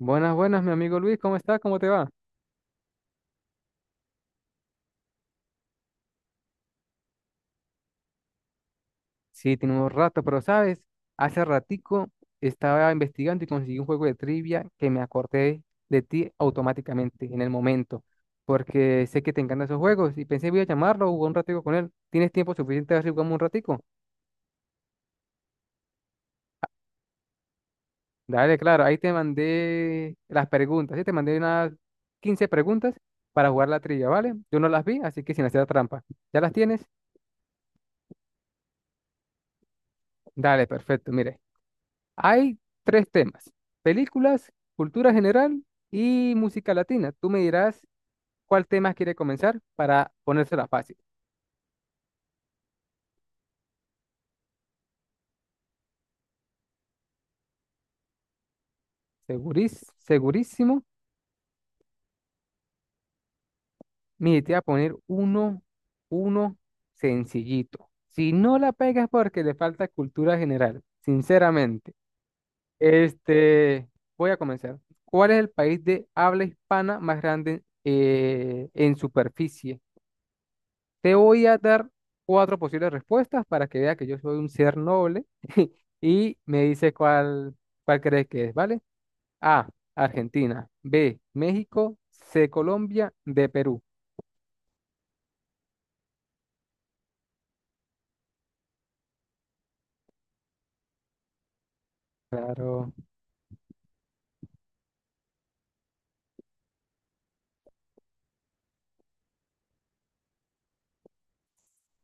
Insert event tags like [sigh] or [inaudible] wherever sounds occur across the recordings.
Buenas, buenas, mi amigo Luis, ¿cómo está? ¿Cómo te va? Sí, tenemos rato, pero sabes, hace ratico estaba investigando y conseguí un juego de trivia que me acordé de ti automáticamente en el momento, porque sé que te encantan esos juegos y pensé voy a llamarlo, jugar un ratico con él. ¿Tienes tiempo suficiente para jugamos un ratico? Dale, claro, ahí te mandé las preguntas, sí, te mandé unas 15 preguntas para jugar la trivia, ¿vale? Yo no las vi, así que sin hacer trampa. ¿Ya las tienes? Dale, perfecto, mire. Hay tres temas, películas, cultura general y música latina. Tú me dirás cuál tema quiere comenzar para ponérsela fácil. Segurísimo, mire, te voy a poner uno sencillito. Si no la pegas porque le falta cultura general, sinceramente. Este, voy a comenzar. ¿Cuál es el país de habla hispana más grande en superficie? Te voy a dar cuatro posibles respuestas para que vea que yo soy un ser noble [laughs] y me dice cuál crees que es, ¿vale? A, Argentina. B, México. C, Colombia. D, Perú. Claro.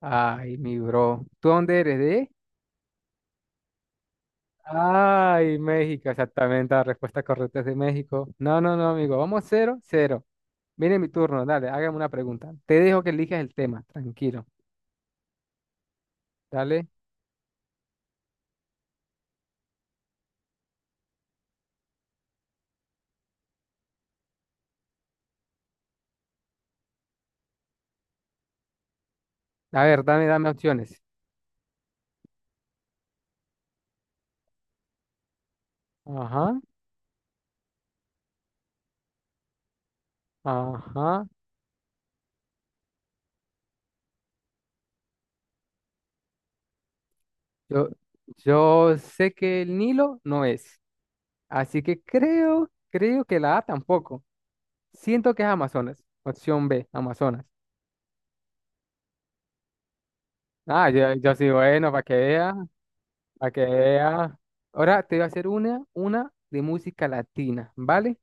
Ay, mi bro. ¿Tú dónde eres de? Ay, México, exactamente. La respuesta correcta es de México. No, no, no, amigo. Vamos 0-0. Viene mi turno, dale, hágame una pregunta. Te dejo que elijas el tema, tranquilo. Dale. A ver, dame opciones. Ajá. Ajá. Yo, yo sé que el Nilo no es. Así que creo que la A tampoco. Siento que es Amazonas. Opción B, Amazonas. Ah, yo sí, bueno, para que vea, para que vea. Ahora te voy a hacer una de música latina, ¿vale?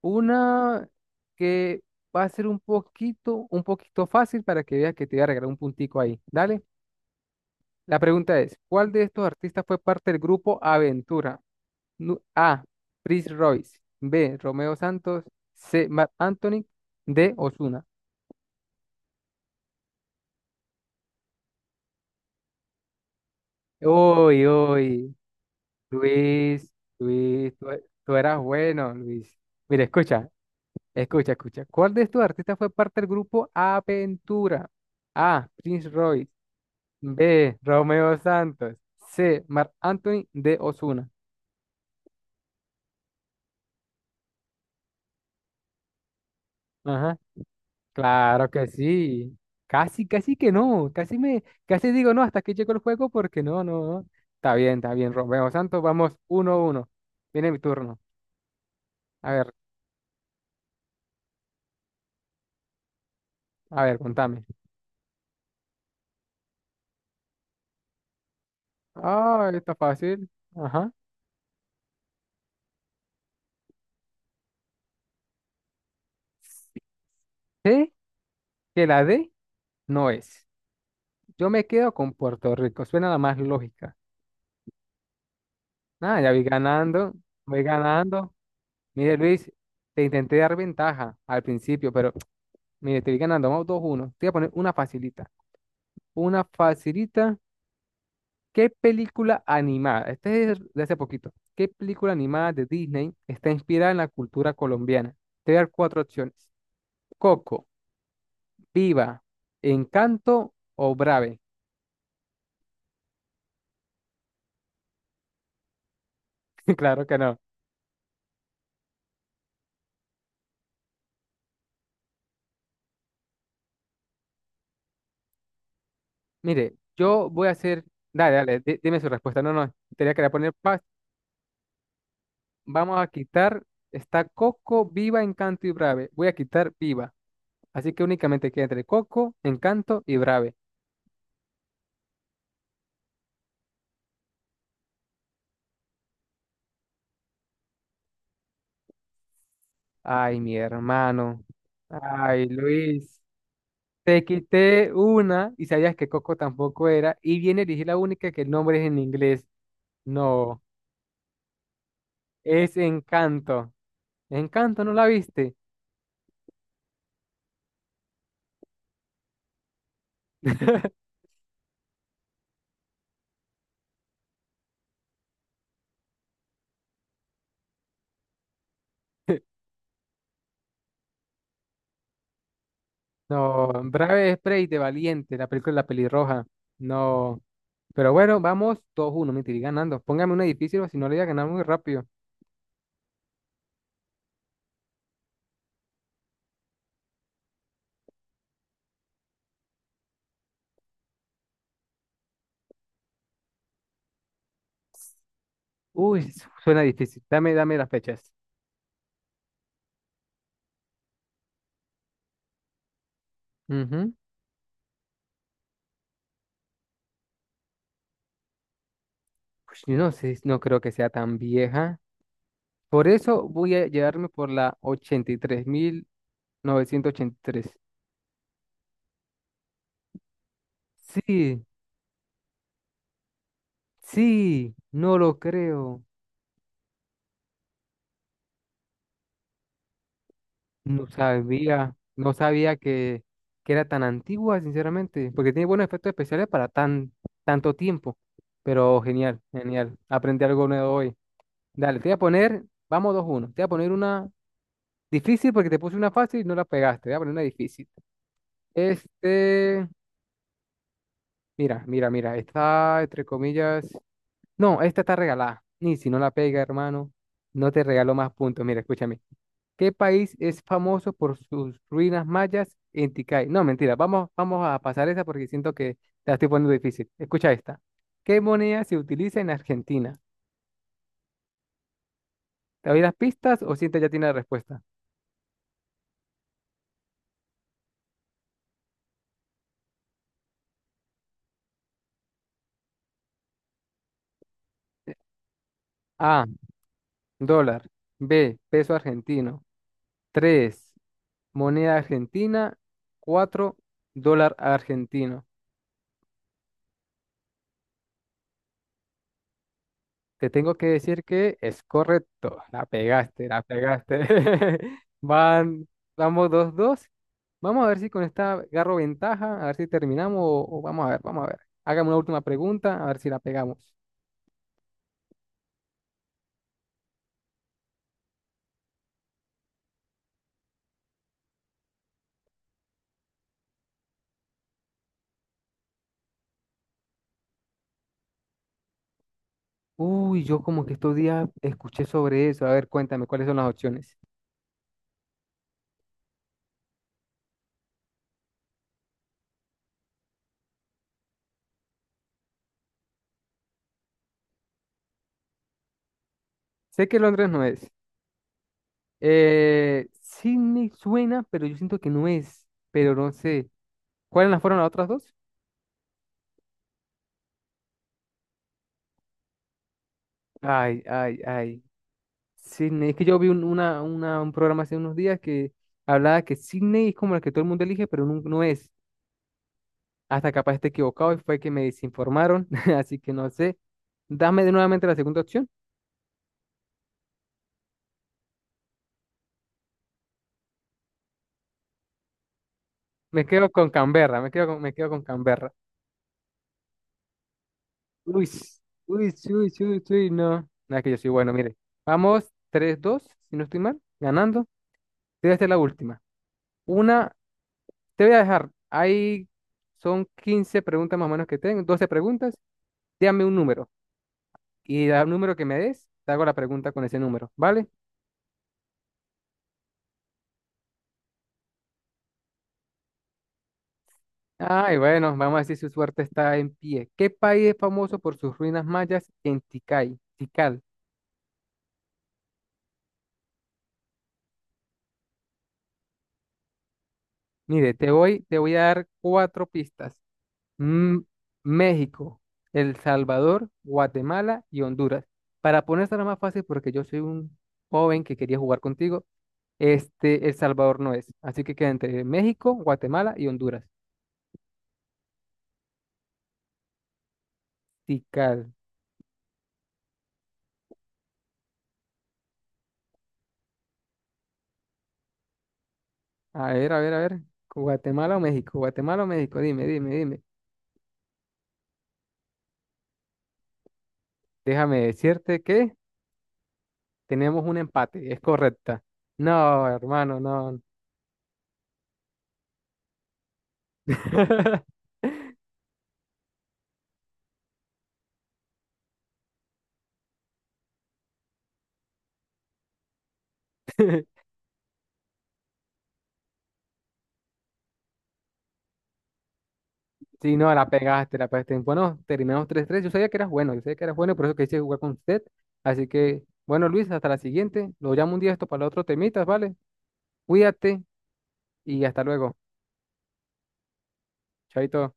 Una que va a ser un poquito fácil para que veas que te voy a regalar un puntico ahí. Dale. La pregunta es, ¿cuál de estos artistas fue parte del grupo Aventura? A. Prince Royce. B. Romeo Santos. C. Marc Anthony. D. Ozuna. Uy, uy. Luis, Luis, tú eras bueno, Luis. Mira, escucha, escucha, escucha. ¿Cuál de estos artistas fue parte del grupo Aventura? A. Prince Royce. B. Romeo Santos. C. Marc Anthony. D. Ozuna. Ajá. Claro que sí. Casi que no. Casi digo no, hasta aquí llegó el juego porque no, no, no. Está bien, Romeo Santos. Vamos 1-1. Viene mi turno. A ver, a ver, contame. Ah, está fácil. Ajá. Sé que la D no es. Yo me quedo con Puerto Rico. Suena la más lógica. Ah, ya voy ganando. Voy ganando. Mire, Luis, te intenté dar ventaja al principio, pero [tsk] mire, te voy ganando. Vamos 2-1. Te voy a poner una facilita. Una facilita. ¿Qué película animada? Este es de hace poquito. ¿Qué película animada de Disney está inspirada en la cultura colombiana? Te voy a dar cuatro opciones. Coco, Viva, Encanto o Brave. [laughs] Claro que no. Mire, yo voy a hacer. Dale, dale, dime su respuesta. No, no, tenía que poner paz. Vamos a quitar. Está Coco, Viva, Encanto y Brave. Voy a quitar Viva. Así que únicamente queda entre Coco, Encanto y Brave. Ay, mi hermano. Ay, Luis. Te quité una y sabías que Coco tampoco era. Y viene a elegir la única que el nombre es en inglés. No, es Encanto. Encanto, ¿no la viste? [laughs] No, Brave Spray de Valiente, la película de la pelirroja. No. Pero bueno, vamos 2 uno. Me estoy ganando. Póngame una difícil o si no le voy a ganar muy rápido. Uy, suena difícil. Dame las fechas. Ujú. Pues yo no sé, no creo que sea tan vieja. Por eso voy a llevarme por la ochenta y tres 1983. Sí, sí, no lo creo. No sabía que era tan antigua, sinceramente, porque tiene buenos efectos especiales para tanto tiempo. Pero genial, genial. Aprendí algo nuevo hoy. Dale, te voy a poner, vamos dos uno. Te voy a poner una difícil porque te puse una fácil y no la pegaste. Te voy a poner una difícil. Este, mira, mira, mira, está entre comillas. No, esta está regalada. Ni si no la pega, hermano, no te regalo más puntos. Mira, escúchame. ¿Qué país es famoso por sus ruinas mayas en Tikal? No, mentira, vamos a pasar esa porque siento que te la estoy poniendo difícil. Escucha esta. ¿Qué moneda se utiliza en Argentina? ¿Te doy las pistas o sientes ya tiene la respuesta? A, dólar. B, peso argentino. Tres, moneda argentina. Cuatro, dólar argentino. Te tengo que decir que es correcto. La pegaste, la pegaste. [laughs] Van, vamos 2-2. Vamos a ver si con esta agarro ventaja, a ver si terminamos o vamos a ver, vamos a ver. Hágame una última pregunta, a ver si la pegamos. Uy, yo como que estos días escuché sobre eso. A ver, cuéntame, ¿cuáles son las opciones? Sé que Londres no es. Sí me suena, pero yo siento que no es. Pero no sé. ¿Cuáles fueron las otras dos? Ay, ay, ay. Sydney, es que yo vi un programa hace unos días que hablaba que Sydney es como la que todo el mundo elige, pero no, no es. Hasta capaz esté equivocado y fue que me desinformaron, [laughs] así que no sé. Dame de nuevamente la segunda opción. Me quedo con Canberra, me quedo con Canberra. Uy, no. Nada, que yo soy bueno, mire. Vamos 3-2, si no estoy mal, ganando. Te voy a hacer la última. Una, te voy a dejar. Ahí son 15 preguntas más o menos que tengo. 12 preguntas. Dame un número, y da el número que me des, te hago la pregunta con ese número, ¿vale? Ay, bueno, vamos a decir si su suerte está en pie. ¿Qué país es famoso por sus ruinas mayas en Tikal? Tikal. Mire, te voy a dar cuatro pistas. Mm, México, El Salvador, Guatemala y Honduras. Para ponértela más fácil, porque yo soy un joven que quería jugar contigo, este El Salvador no es. Así que queda entre México, Guatemala y Honduras. Tikal. A ver, a ver, a ver. Guatemala o México, dime, dime, dime. Déjame decirte que tenemos un empate, es correcta. No, hermano, no. [laughs] Si no, la pegaste, la pegaste. Bueno, terminamos 3-3. Yo sabía que eras bueno, yo sabía que eras bueno, por eso quise jugar con usted. Así que, bueno, Luis, hasta la siguiente. Lo llamo un día esto para el otro temitas, ¿vale? Cuídate y hasta luego. Chaito.